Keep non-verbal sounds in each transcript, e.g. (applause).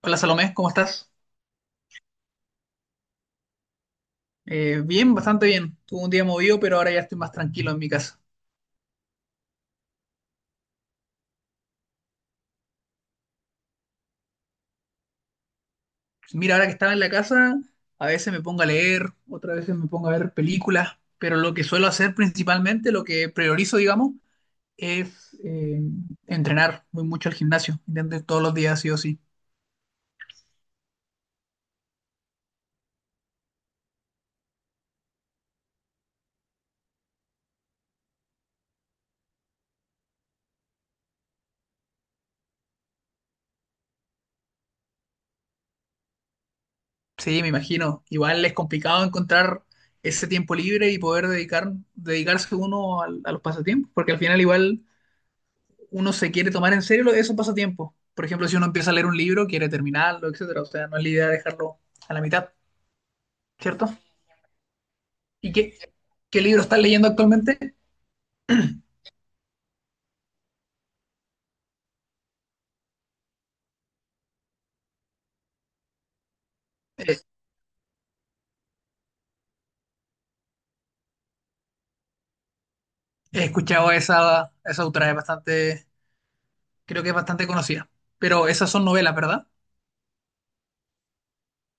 Hola Salomé, ¿cómo estás? Bien, bastante bien. Tuve un día movido, pero ahora ya estoy más tranquilo en mi casa. Mira, ahora que estaba en la casa, a veces me pongo a leer, otras veces me pongo a ver películas, pero lo que suelo hacer principalmente, lo que priorizo, digamos, es entrenar. Voy mucho al gimnasio, intento ir todos los días, sí o sí. Sí, me imagino. Igual es complicado encontrar ese tiempo libre y poder dedicarse uno los pasatiempos, porque al final igual uno se quiere tomar en serio esos pasatiempos. Por ejemplo, si uno empieza a leer un libro, quiere terminarlo, etcétera. O sea, no es la idea dejarlo a la mitad, ¿cierto? ¿Y qué libro estás leyendo actualmente? Eh, He escuchado a esa autora, creo que es bastante conocida. Pero esas son novelas, ¿verdad?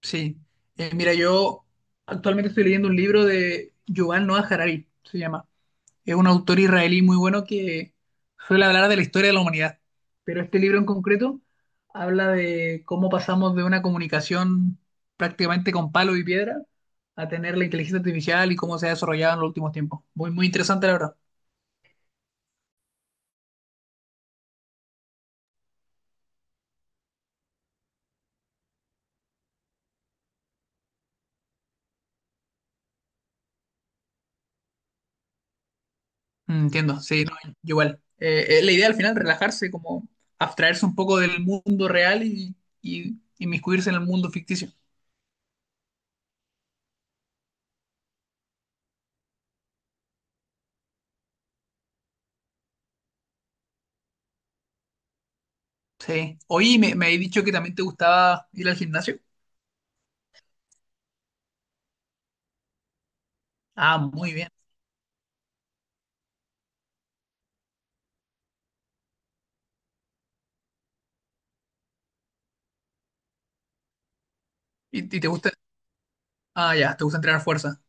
Sí. Mira, yo actualmente estoy leyendo un libro de Yuval Noah Harari, se llama. Es un autor israelí muy bueno que suele hablar de la historia de la humanidad, pero este libro en concreto habla de cómo pasamos de una comunicación prácticamente con palo y piedra a tener la inteligencia artificial y cómo se ha desarrollado en los últimos tiempos. Muy, muy interesante, la verdad. Mm, entiendo, sí, no, yo igual. La idea al final, relajarse, como abstraerse un poco del mundo real y inmiscuirse en el mundo ficticio. Sí. Oye, me habéis dicho que también te gustaba ir al gimnasio. Ah, muy bien. ¿Y te gusta? Ah, ya, te gusta entrenar fuerza.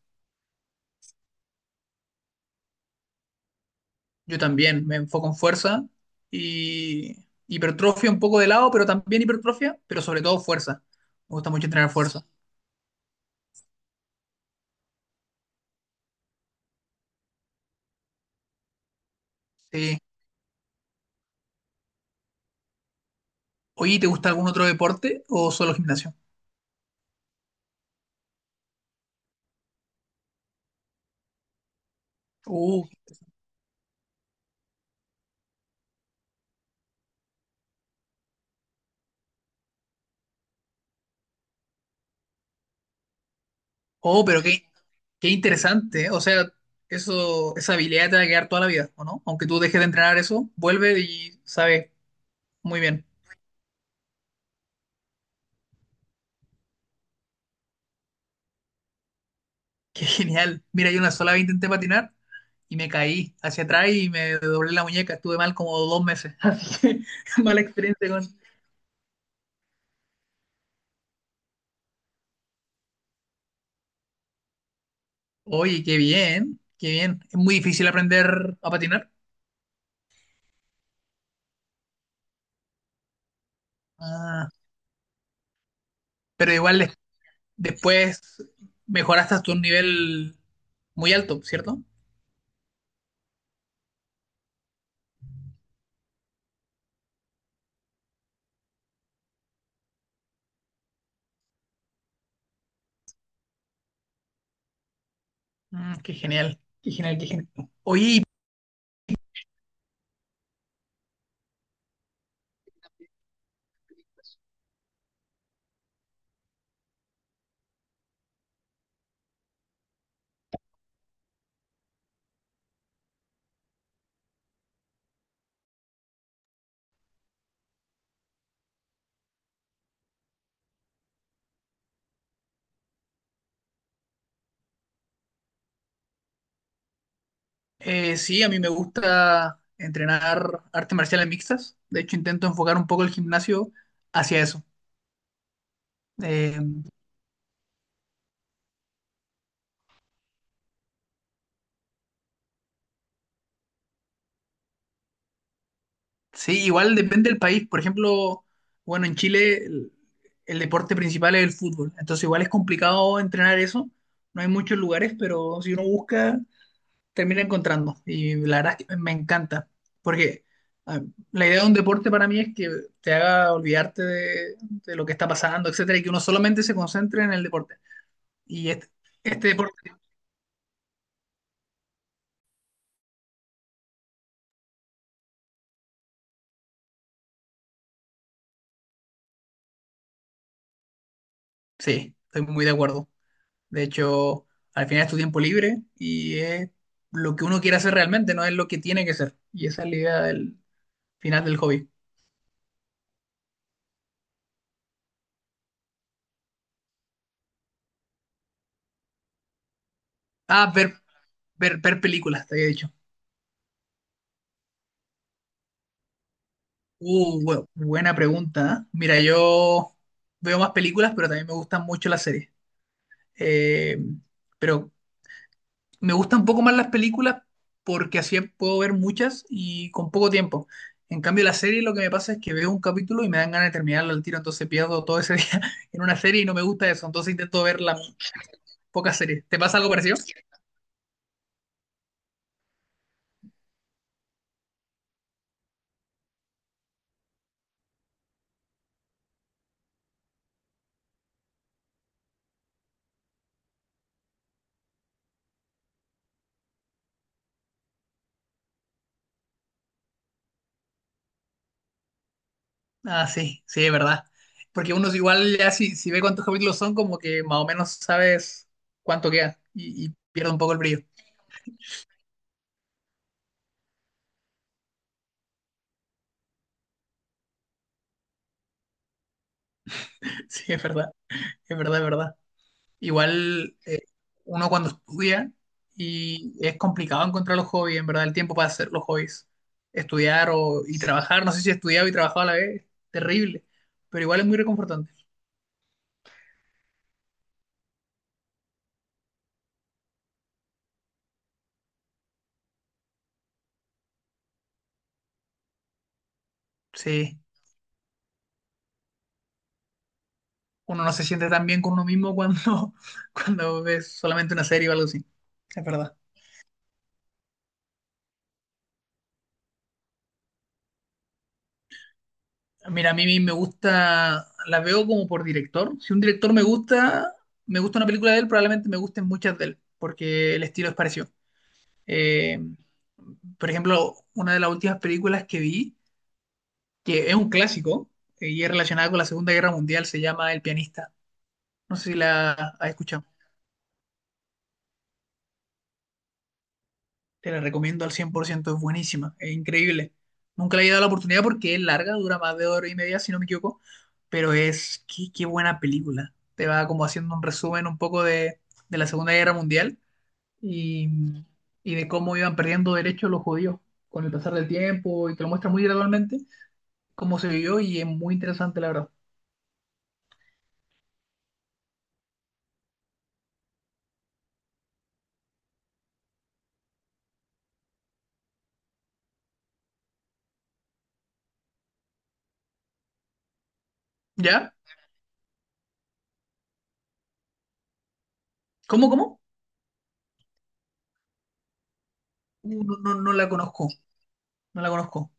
Yo también me enfoco en fuerza y hipertrofia un poco de lado, pero también hipertrofia, pero sobre todo fuerza. Me gusta mucho entrenar fuerza. Sí. Oye, ¿te gusta algún otro deporte o solo gimnasio? Uh, oh, pero qué interesante. ¿Eh? O sea, esa habilidad te va a quedar toda la vida, ¿o no? Aunque tú dejes de entrenar eso, vuelve y sabes muy bien. (laughs) Qué genial. Mira, yo una sola vez intenté patinar y me caí hacia atrás y me doblé la muñeca. Estuve mal como 2 meses. (laughs) Así que mala experiencia con. Oye, qué bien, qué bien. Es muy difícil aprender a patinar. Ah, pero igual después mejoraste hasta un nivel muy alto, ¿cierto? Mm, qué genial, qué genial, qué genial. Oye, sí, a mí me gusta entrenar artes marciales mixtas. De hecho, intento enfocar un poco el gimnasio hacia eso. Eh, Sí, igual depende del país. Por ejemplo, bueno, en Chile el deporte principal es el fútbol. Entonces igual es complicado entrenar eso. No hay muchos lugares, pero si uno busca, termina encontrando. Y la verdad es que me encanta. Porque ah, la idea de un deporte para mí es que te haga olvidarte de lo que está pasando, etcétera, y que uno solamente se concentre en el deporte. Y este deporte, sí, estoy muy de acuerdo. De hecho, al final es tu tiempo libre y es lo que uno quiere hacer realmente, no es lo que tiene que ser. Y esa es la idea del final del hobby. Ah, ver películas, te había dicho. Buena pregunta. ¿Eh? Mira, yo veo más películas, pero también me gustan mucho las series. Eh, pero me gustan un poco más las películas porque así puedo ver muchas y con poco tiempo. En cambio, la serie lo que me pasa es que veo un capítulo y me dan ganas de terminarlo al tiro, entonces pierdo todo ese día (laughs) en una serie y no me gusta eso, entonces intento ver las pocas series. ¿Te pasa algo parecido? Ah, sí, sí, es verdad. Porque uno es igual ya si ve cuántos capítulos son, como que más o menos sabes cuánto queda y pierde un poco el brillo. (laughs) Sí, es verdad, es verdad, es verdad. Igual uno cuando estudia y es complicado encontrar los hobbies, en verdad, el tiempo para hacer los hobbies. Estudiar y trabajar, no sé si estudiaba y trabajaba a la vez, terrible, pero igual es muy reconfortante. Sí, uno no se siente tan bien con uno mismo cuando, (laughs) cuando ves solamente una serie o algo así. Es verdad. Mira, a mí me gusta, las veo como por director. Si un director me gusta una película de él, probablemente me gusten muchas de él, porque el estilo es parecido. Eh, por ejemplo, una de las últimas películas que vi, que es un clásico, y es relacionada con la Segunda Guerra Mundial, se llama El pianista. No sé si la has escuchado. Te la recomiendo al 100%. Es buenísima, es increíble. Nunca le he dado la oportunidad porque es larga, dura más de hora y media, si no me equivoco, pero qué buena película. Te va como haciendo un resumen un poco de la Segunda Guerra Mundial y, y de cómo iban perdiendo derechos los judíos con el pasar del tiempo y te lo muestra muy gradualmente cómo se vivió y es muy interesante, la verdad. ¿Ya? ¿Cómo? No, no, no la conozco, no la conozco.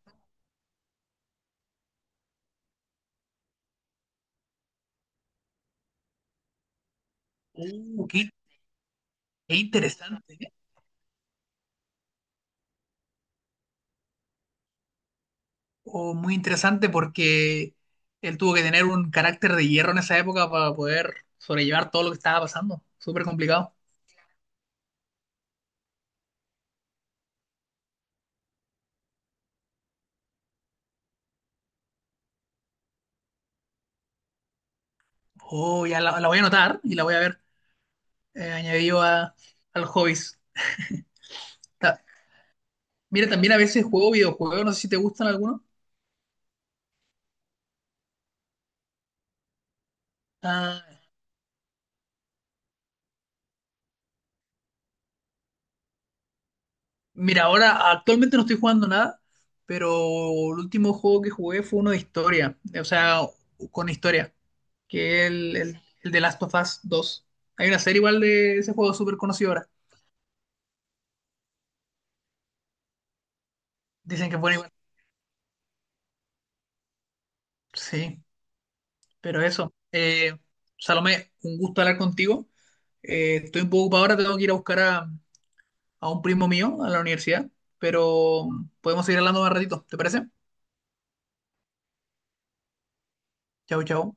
Uh, qué, qué interesante, ¿eh? O muy interesante porque él tuvo que tener un carácter de hierro en esa época para poder sobrellevar todo lo que estaba pasando. Súper complicado. Oh, ya la voy a anotar y la voy a ver añadido al hobbies. Ta- Mira, también a veces juego videojuegos, no sé si te gustan algunos. Ah, mira, ahora actualmente no estoy jugando nada, pero el último juego que jugué fue uno de historia, o sea, con historia, que es el de Last of Us 2. Hay una serie igual de ese juego súper conocido ahora. Dicen que es bueno igual. Sí, pero eso. Salomé, un gusto hablar contigo. Estoy un poco ocupado ahora, tengo que ir a buscar a un primo mío a la universidad, pero podemos seguir hablando más ratito, ¿te parece? Chau, chau.